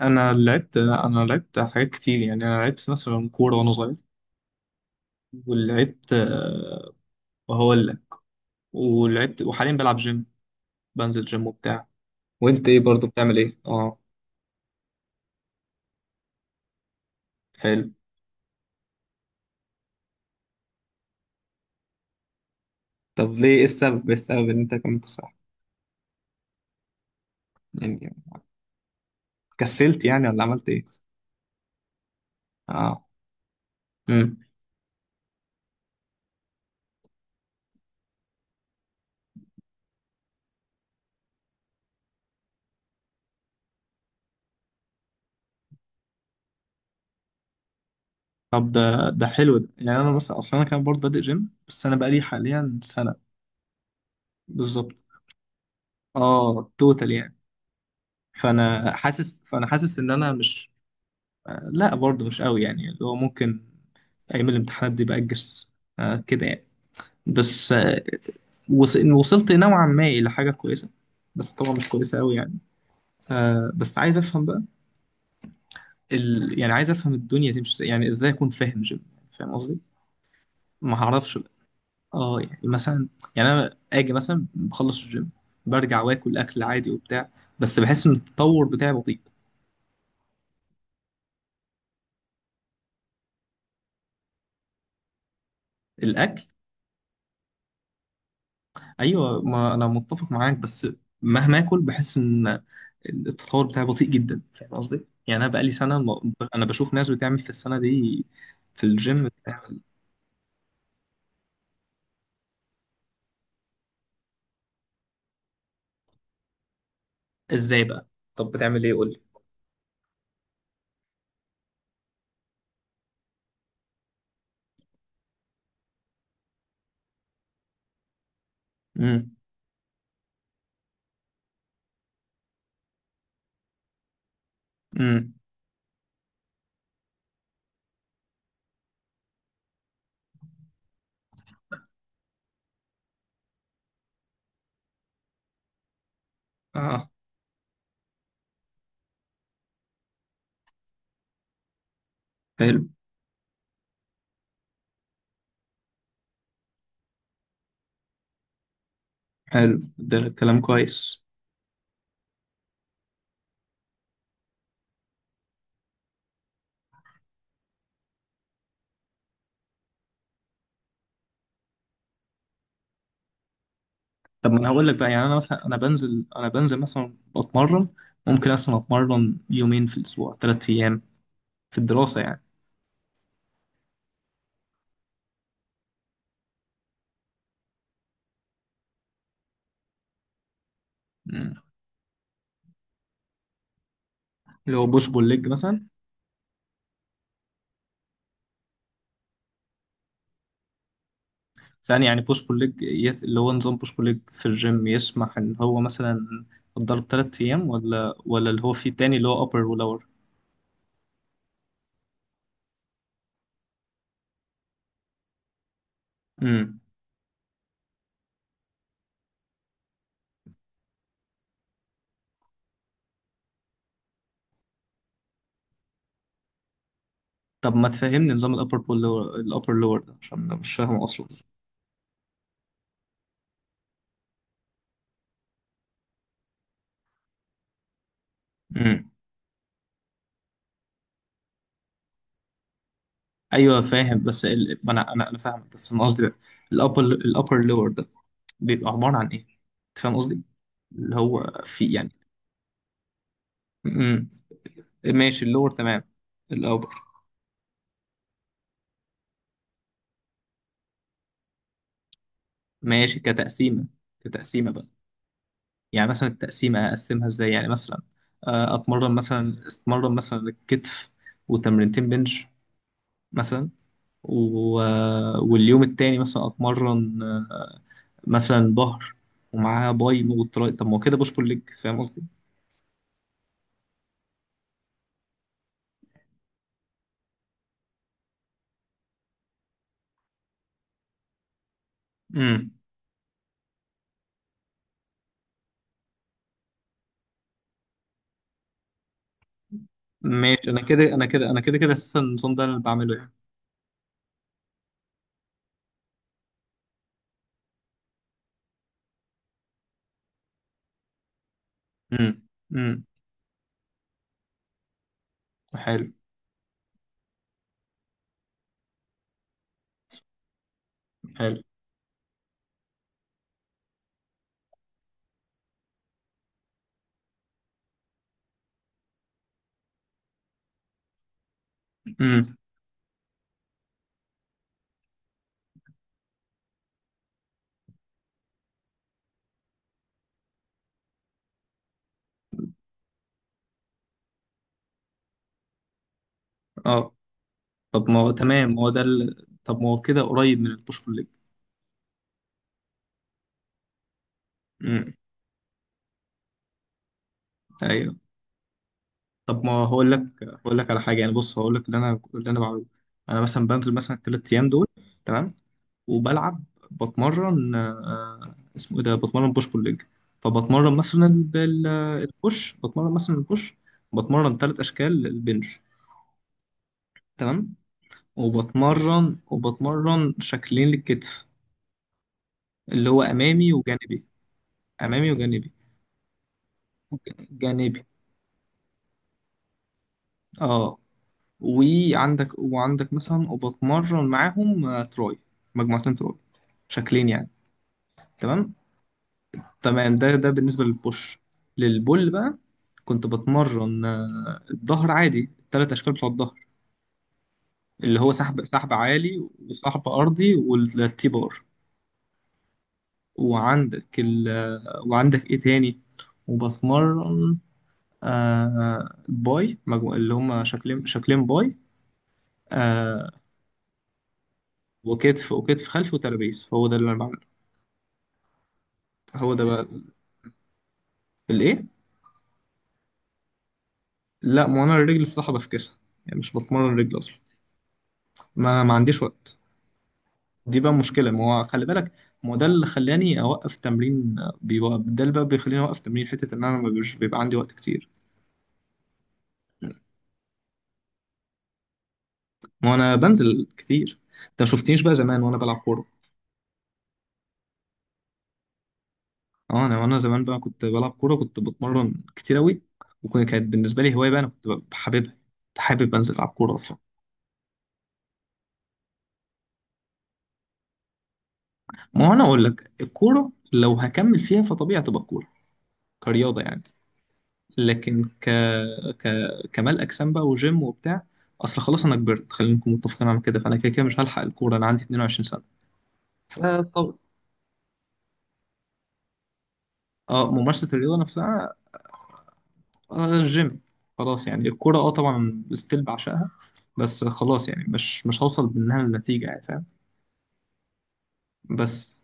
انا لعبت حاجات كتير، يعني انا لعبت مثلا كوره وانا صغير. ولعبت آه، وهقول لك. وحاليا بلعب جيم، بنزل جيم وبتاع. وانت ايه برضو، بتعمل ايه؟ اه. حلو. طب ليه؟ ايه السبب ان انت كملت؟ صح، يعني كسلت يعني ولا عملت ايه؟ اه. امم. طب ده حلو ده، يعني انا مثلا اصلا انا كان برضه بادئ جيم، بس انا بقالي حاليا سنه. بالظبط. اه توتال يعني. فانا حاسس ان انا مش... لا برضه مش قوي، يعني اللي هو ممكن ايام الامتحانات دي باجز، كده يعني. بس، إن وصلت نوعا ما الى حاجه كويسه، بس طبعا مش كويسه قوي يعني. بس عايز افهم بقى، يعني عايز افهم الدنيا تمشي ازاي، يعني ازاي اكون فاهم جيم؟ فاهم قصدي؟ ما هعرفش بقى. اه يعني مثلا، يعني انا اجي مثلا بخلص الجيم، برجع واكل اكل عادي وبتاع، بس بحس ان التطور بتاعي بطيء. الاكل؟ ايوه، ما انا متفق معاك، بس مهما اكل بحس ان التطور بتاعي بطيء جدا. فاهم قصدي؟ يعني انا بقالي سنه، انا بشوف ناس بتعمل في السنه دي في الجيم، بتعمل ازاي بقى؟ طب بتعمل ايه؟ قول لي. امم. امم. اه حلو. حلو، ده كلام كويس. طب ما انا هقول لك بقى، يعني انا مثلا انا بنزل مثلا بتمرن، ممكن اصلا اتمرن يومين في الاسبوع، 3 ايام في الدراسه يعني. مم. اللي هو بوش بول ليج مثلا. ثاني يعني بوش بول ليج، اللي هو نظام بوش بول ليج في الجيم يسمح ان هو مثلا الضرب 3 ايام، ولا اللي هو فيه تاني اللي هو upper و lower. امم. طب ما تفهمني نظام الابر بول lower، الابر لور ده، عشان أنا مش فاهمه اصلا. امم. ايوه فاهم، بس ما انا فاهمك، بس انا قصدي بقى الابر لور ده بيبقى عباره عن ايه؟ انت فاهم قصدي؟ اللي هو في يعني. امم. ماشي، اللور تمام. الابر. ماشي كتقسيمه. كتقسيمه بقى، يعني مثلا التقسيمة أقسمها إزاي؟ يعني مثلا أتمرن مثلا الكتف وتمرينتين بنش مثلا، و... آه، واليوم التاني مثلا أتمرن مثلا ظهر ومعاها باي وتراي، طب ما هو كده بوش بول ليج، فاهم قصدي؟ امم. ماشي، أنا كده كده أساسا النظام ده أنا اللي بعمله يعني. امم. امم. حلو. حلو. امم. اه. طب ما هو تمام، ما هو ده طب ما هو كده قريب من البوش بول ليج. امم. أيوه. طب ما هقول لك على حاجه يعني. بص هقول لك اللي انا بعمله. انا مثلا بنزل مثلا ال3 ايام دول، تمام. وبلعب، بتمرن اسمه ايه ده، بتمرن بوش بول ليج. فبتمرن مثلا البوش، بتمرن مثلا البوش، بتمرن 3 اشكال البنج، تمام. وبتمرن شكلين للكتف، اللي هو امامي وجانبي، امامي وجانبي، جانبي. اه، وعندك مثلا وبتمرن معاهم تراي، مجموعتين تراي، شكلين يعني، تمام. تمام، ده بالنسبة للبوش. للبول بقى، كنت بتمرن الظهر عادي، ال3 أشكال بتوع الظهر، اللي هو سحب عالي وسحب أرضي والتي بار، وعندك إيه تاني؟ وبتمرن باي، مجموع اللي هما شكلين، شكلين باي. آه وكتف خلفي وترابيز، هو ده اللي أنا بعمله. هو ده بقى الايه. لا، ما هو انا الرجل الصح بفكسها، يعني مش بتمرن رجل اصلا. ما عنديش وقت. دي بقى مشكله، ما هو خلي بالك، ما هو ده اللي خلاني اوقف تمرين. بيوقف، ده اللي بقى بيخليني اوقف تمرين، حته ان انا ما بيبقاش بيبقى عندي وقت كتير. ما هو انا بنزل كتير، انت ما شفتنيش بقى زمان وانا بلعب كوره. اه، انا وانا زمان بقى كنت بلعب كوره، كنت بتمرن كتير قوي، وكانت بالنسبه لي هوايه بقى. انا كنت بحببها، كنت حابب انزل العب كوره اصلا. ما هو انا اقول لك، الكوره لو هكمل فيها فطبيعي تبقى كوره، كرياضه يعني. لكن ك... كمال اجسام بقى وجيم وبتاع، اصل خلاص انا كبرت، خلينا نكون متفقين على كده، فانا كده كده مش هلحق الكوره، انا عندي 22 سنه. فطب... اه ممارسه الرياضه نفسها، الجيم. خلاص يعني الكوره اه طبعا ستيل بعشقها، بس خلاص يعني مش هوصل منها لنتيجه، يعني فاهم؟ بس.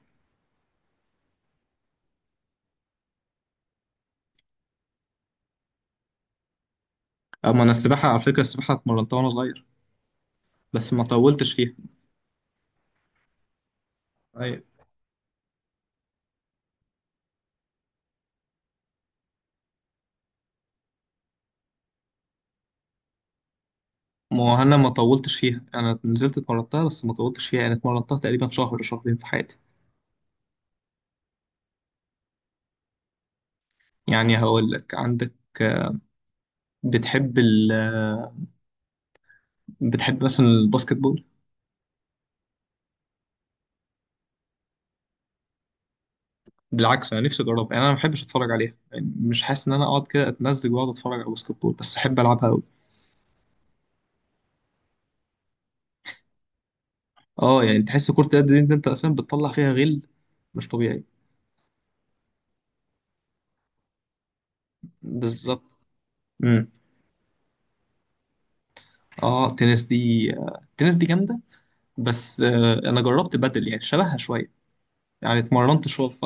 اما انا السباحه، على فكره السباحه اتمرنتها وانا صغير بس ما طولتش فيها. أيوة. ما هو انا ما طولتش فيها، انا نزلت اتمرنتها بس ما طولتش فيها يعني، اتمرنتها تقريبا شهر شهرين في حياتي. يعني هقول لك، عندك، بتحب ال بتحب مثلا الباسكت بول؟ بالعكس، انا نفسي اجربها، يعني انا ما بحبش اتفرج عليها، يعني مش حاسس ان انا اقعد كده اتمزج واقعد اتفرج على باسكت بول، بس احب العبها قوي. اه، يعني تحس كرة اليد دي، انت اصلا بتطلع فيها غل، مش طبيعي. بالظبط. امم. اه التنس دي التنس دي جامده، بس انا جربت بدل، يعني شبهها شويه، يعني اتمرنت شويه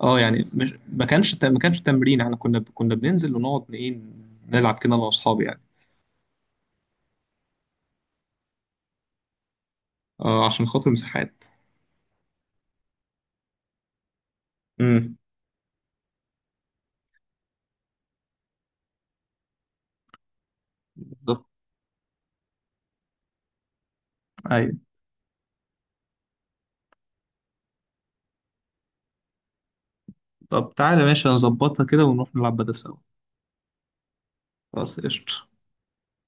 اه يعني، مش ما كانش ت- ما كانش تمرين، احنا كنا بننزل ونقعد ايه، نلعب كده انا واصحابي يعني. عشان خاطر المساحات. بالظبط. ايوه. طب تعالى، ماشي نظبطها كده ونروح نلعب بدل سوا. خلاص قشطة.